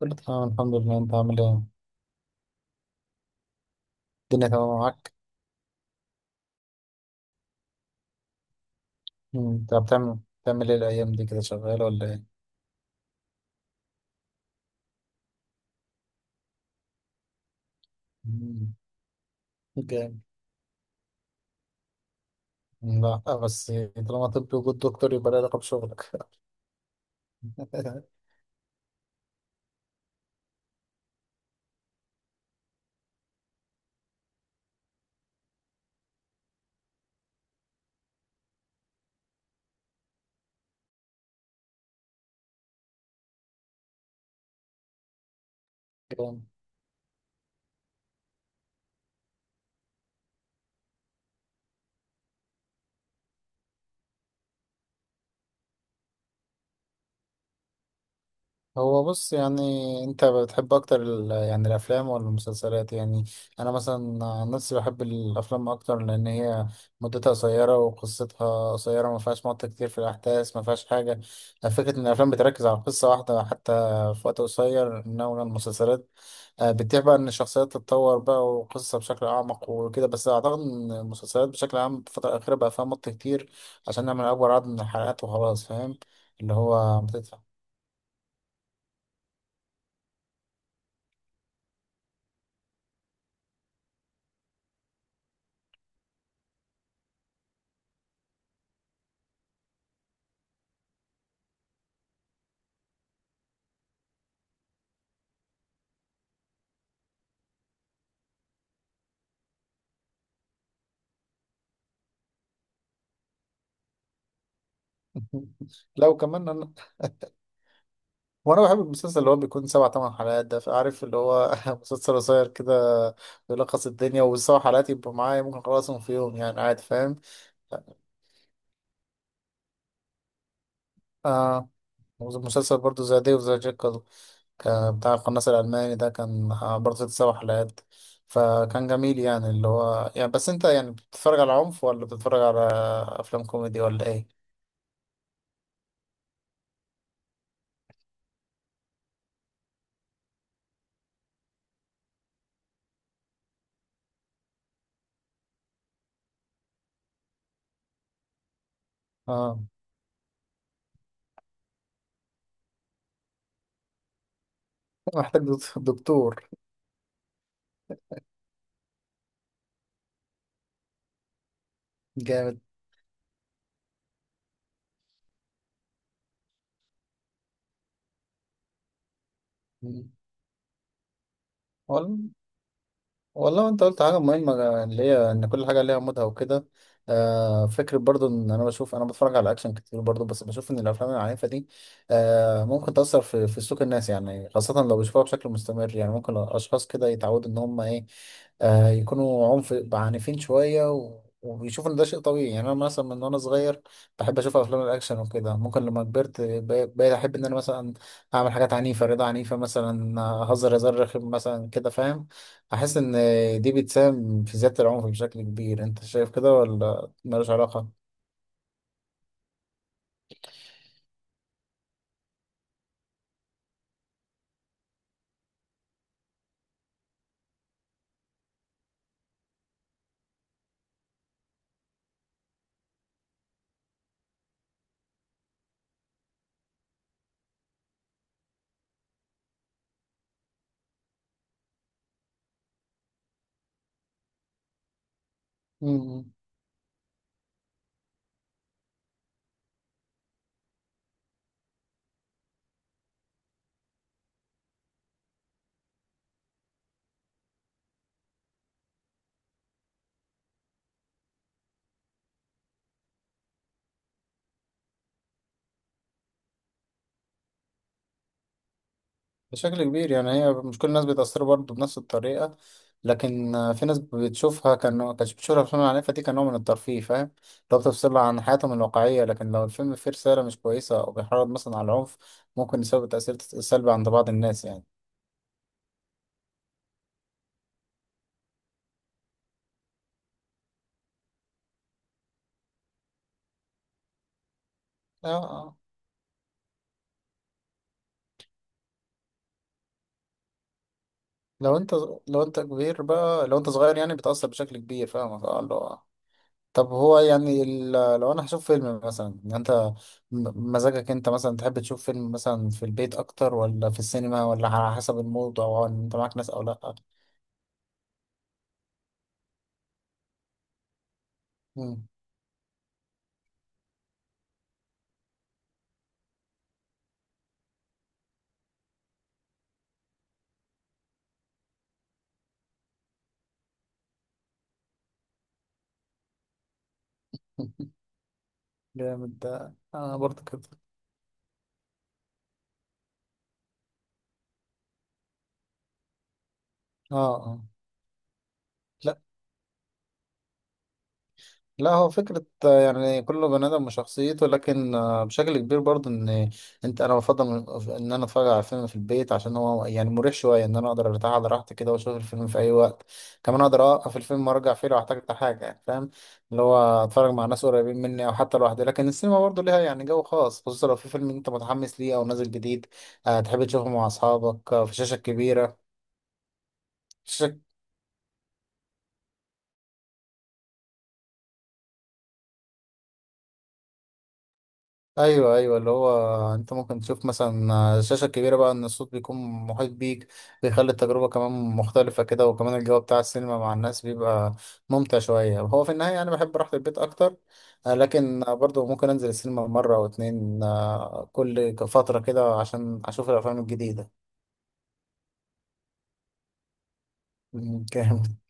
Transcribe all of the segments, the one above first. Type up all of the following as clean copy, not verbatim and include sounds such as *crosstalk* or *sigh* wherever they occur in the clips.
كله تمام الحمد لله. انت عامل ايه؟ الدنيا تمام معاك؟ انت بتعمل ايه الايام دي كده، شغال ولا ايه؟ مم. جامد. لا بس طالما طب وجود دكتور يبقى له علاقة بشغلك. *laughs* جامد. هو بص يعني، انت بتحب اكتر يعني الافلام ولا المسلسلات يعني؟ انا مثلا عن نفسي بحب الافلام اكتر، لان هي مدتها قصيره وقصتها قصيره، ما فيهاش مط كتير في الاحداث، ما فيهاش حاجه. فكره ان الافلام بتركز على قصه واحده حتى في وقت قصير، انما المسلسلات بتبيع بقى ان الشخصيات تتطور بقى، وقصة بشكل اعمق وكده. بس اعتقد ان المسلسلات بشكل عام في الفترة الاخيرة بقى فيها مط كتير عشان نعمل اكبر عدد من الحلقات وخلاص، فاهم؟ اللي هو بتدفع. *laughs* لو كمان انا، وانا بحب المسلسل اللي هو بيكون سبع ثمان حلقات ده، فعارف اللي هو *laughs* مسلسل قصير كده، بيلخص الدنيا. والسبع حلقات يبقوا معايا، ممكن اخلصهم في يوم يعني عادي، فاهم؟ آه مسلسل برضو زي ديف، زي جيكل، ك- بتاع القناص الألماني ده كان برضه ست سبع حلقات، فكان جميل يعني. اللي هو يعني بس انت يعني بتتفرج على عنف ولا بتتفرج على أفلام كوميدي ولا ايه؟ اه، محتاج دكتور. جامد. مم. ولا، والله انت قلت حاجة مهمة اللي هي ان كل حاجة ليها مودها وكده. فكرة برضو ان انا بشوف، انا بتفرج على اكشن كتير برضو، بس بشوف ان الافلام العنيفة دي ممكن تأثر في سلوك الناس يعني، خاصة لو بيشوفوها بشكل مستمر. يعني ممكن اشخاص كده يتعودوا ان هم ايه، يكونوا عنف عنيفين شوية وبيشوفوا إن ده شيء طبيعي. يعني أنا مثلا من وأنا صغير بحب أشوف أفلام الأكشن وكده، ممكن لما كبرت بقيت أحب إن أنا مثلا أعمل حاجات عنيفة، رضا عنيفة مثلا، أهزر هزار رخم مثلا كده، فاهم؟ أحس إن دي بتساهم في زيادة العنف بشكل كبير. أنت شايف كده ولا ملوش علاقة؟ مم. بشكل كبير، يعني هي مش كل الناس بيتأثروا برضه بنفس الطريقة. لكن في ناس بتشوفها كانت بتشوفها في على النت دي كنوع من الترفيه، فاهم؟ لو بتفصل عن حياتهم الواقعية. لكن لو الفيلم فيه رسالة مش كويسة أو بيحرض مثلا على العنف ممكن يسبب تأثير سلبي عند بعض الناس يعني. آه، آه. لو أنت لو أنت كبير بقى، لو أنت صغير يعني بتأثر بشكل كبير، فاهم؟ طب هو يعني لو انا هشوف فيلم مثلا، يعني انت مزاجك انت مثلا تحب تشوف فيلم مثلا في البيت اكتر ولا في السينما، ولا على حسب المود او ان انت معاك ناس او لا؟ مم. *laughs* جامد، ده انا برضه كده. اه، اه. لا، هو فكرة يعني كل بني آدم وشخصيته، لكن بشكل كبير برضه، إن أنت. أنا بفضل إن أنا أتفرج على فيلم في البيت، عشان هو يعني مريح شوية، إن أنا أقدر أرتاح على راحتي كده وأشوف الفيلم في أي وقت. كمان أقدر أوقف الفيلم وأرجع فيه لو احتجت حاجة يعني، فاهم؟ اللي هو أتفرج مع ناس قريبين مني أو حتى لوحدي. لكن السينما برضه ليها يعني جو خاص، خصوصا لو في فيلم أنت متحمس ليه أو نازل جديد، تحب تشوفه مع أصحابك في شاشة كبيرة. ايوه، ايوه، اللي هو انت ممكن تشوف مثلا الشاشه الكبيره بقى، ان الصوت بيكون محيط بيك، بيخلي التجربه كمان مختلفه كده، وكمان الجو بتاع السينما مع الناس بيبقى ممتع شويه. هو في النهايه انا بحب راحه البيت اكتر، لكن برضو ممكن انزل السينما مره او اتنين، كل فتره كده عشان اشوف الافلام الجديده. *laughs*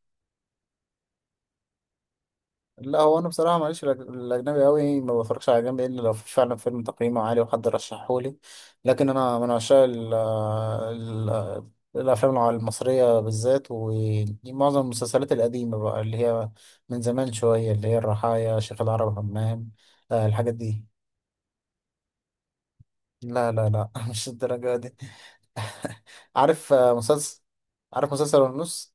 لا، هو انا بصراحه ماليش في الاجنبي قوي، ما بفرجش على اجنبي الا لو في فعلا فيلم تقييمه عالي وحد رشحه لي. لكن انا من عشاق الافلام المصريه بالذات، ومعظم المسلسلات القديمه بقى اللي هي من زمان شويه، اللي هي الرحايا، شيخ العرب همام، الحاجات دي. لا، لا، لا. *laughs* مش الدرجه دي. *laughs* عارف مسلسل؟ عارف مسلسل ونص؟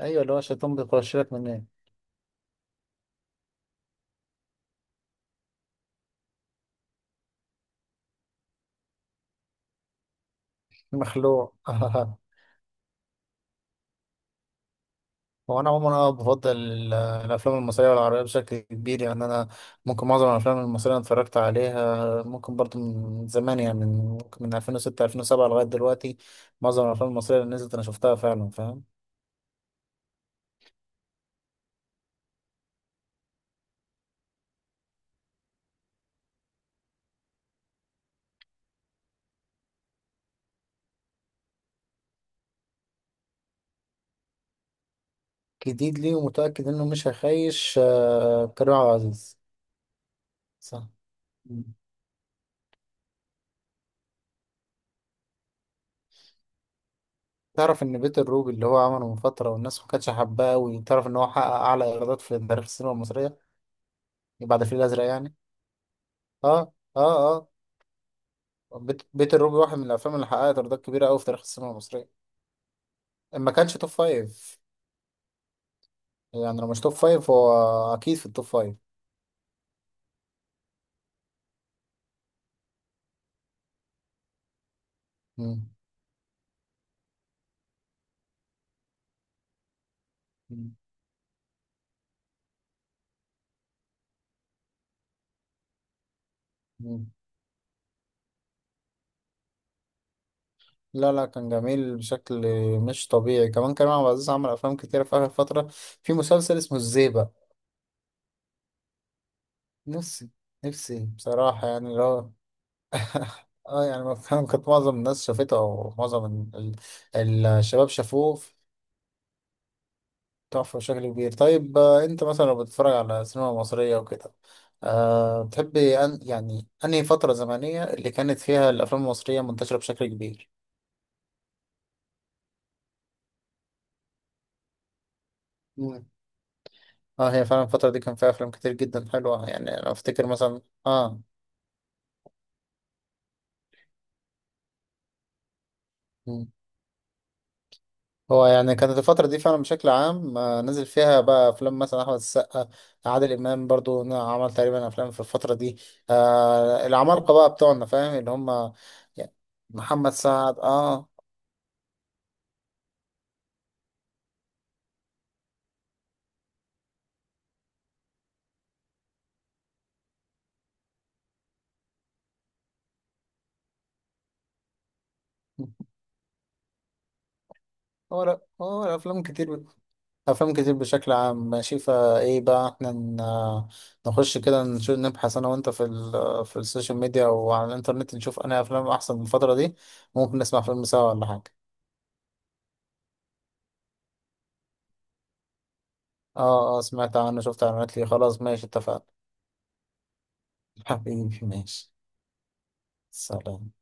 ايوه، اللي هو الشيطان بيخش لك من. مخلوع. *laughs* هو انا عموما، انا بفضل الافلام المصريه والعربيه بشكل كبير يعني. انا ممكن معظم الافلام المصريه أنا اتفرجت عليها، ممكن برضو من زمان يعني، من ممكن من 2006 2007 لغايه دلوقتي. معظم الافلام المصريه اللي نزلت انا شفتها فعلا، فاهم؟ جديد لي ومتاكد انه مش هيخيش، كريم عبد العزيز. صح. مم. تعرف ان بيت الروبي اللي هو عمله من فتره والناس ما كانتش حباه؟ وتعرف ان هو حقق اعلى ايرادات في تاريخ السينما المصريه بعد الفيل الازرق يعني. اه، اه، أه. بيت الروبي واحد من الافلام اللي حققت ايرادات كبيره قوي في تاريخ السينما المصريه، إن ما كانش توب فايف. يعني لو مش توب فايف، هو اكيد في التوب فايف. مم. مم. مم. لا، لا، كان جميل بشكل مش طبيعي. كمان كريم عبد العزيز عمل افلام كتيره في اخر فتره، في مسلسل اسمه الزيبق. نفسي، نفسي بصراحه، يعني اللي هو. *laughs* اه، يعني ما كان- كانت معظم الناس شافته، او معظم ال- الشباب شافوه. تحفة بشكل كبير. طيب انت مثلا لو بتتفرج على سينما مصرية وكده، أه بتحب أن يعني انهي فترة زمنية اللي كانت فيها الافلام المصرية منتشرة بشكل كبير؟ مم. اه، هي فعلا الفترة دي كان فيها افلام كتير جدا حلوة، يعني انا افتكر مثلا اه. مم. هو يعني كانت الفترة دي فعلا بشكل عام، نزل فيها بقى أفلام، مثلا أحمد السقا، عادل إمام برضو عمل تقريبا أفلام في الفترة دي، العمالقة بقى بتوعنا، فاهم؟ اللي هم يعني محمد سعد، اه. هو لا، هو أفلام كتير، أفلام كتير بشكل عام ماشي. فإيه بقى إحنا نخش كده نشوف، نبحث أنا وأنت في ال في السوشيال ميديا وعلى الإنترنت، نشوف أنا أفلام أحسن من الفترة دي. ممكن نسمع فيلم سوا ولا حاجة. آه، آه، سمعت عنه، شفت إعلانات ليه، خلاص ماشي اتفقنا. *laughs* حبيبي ماشي. سلام.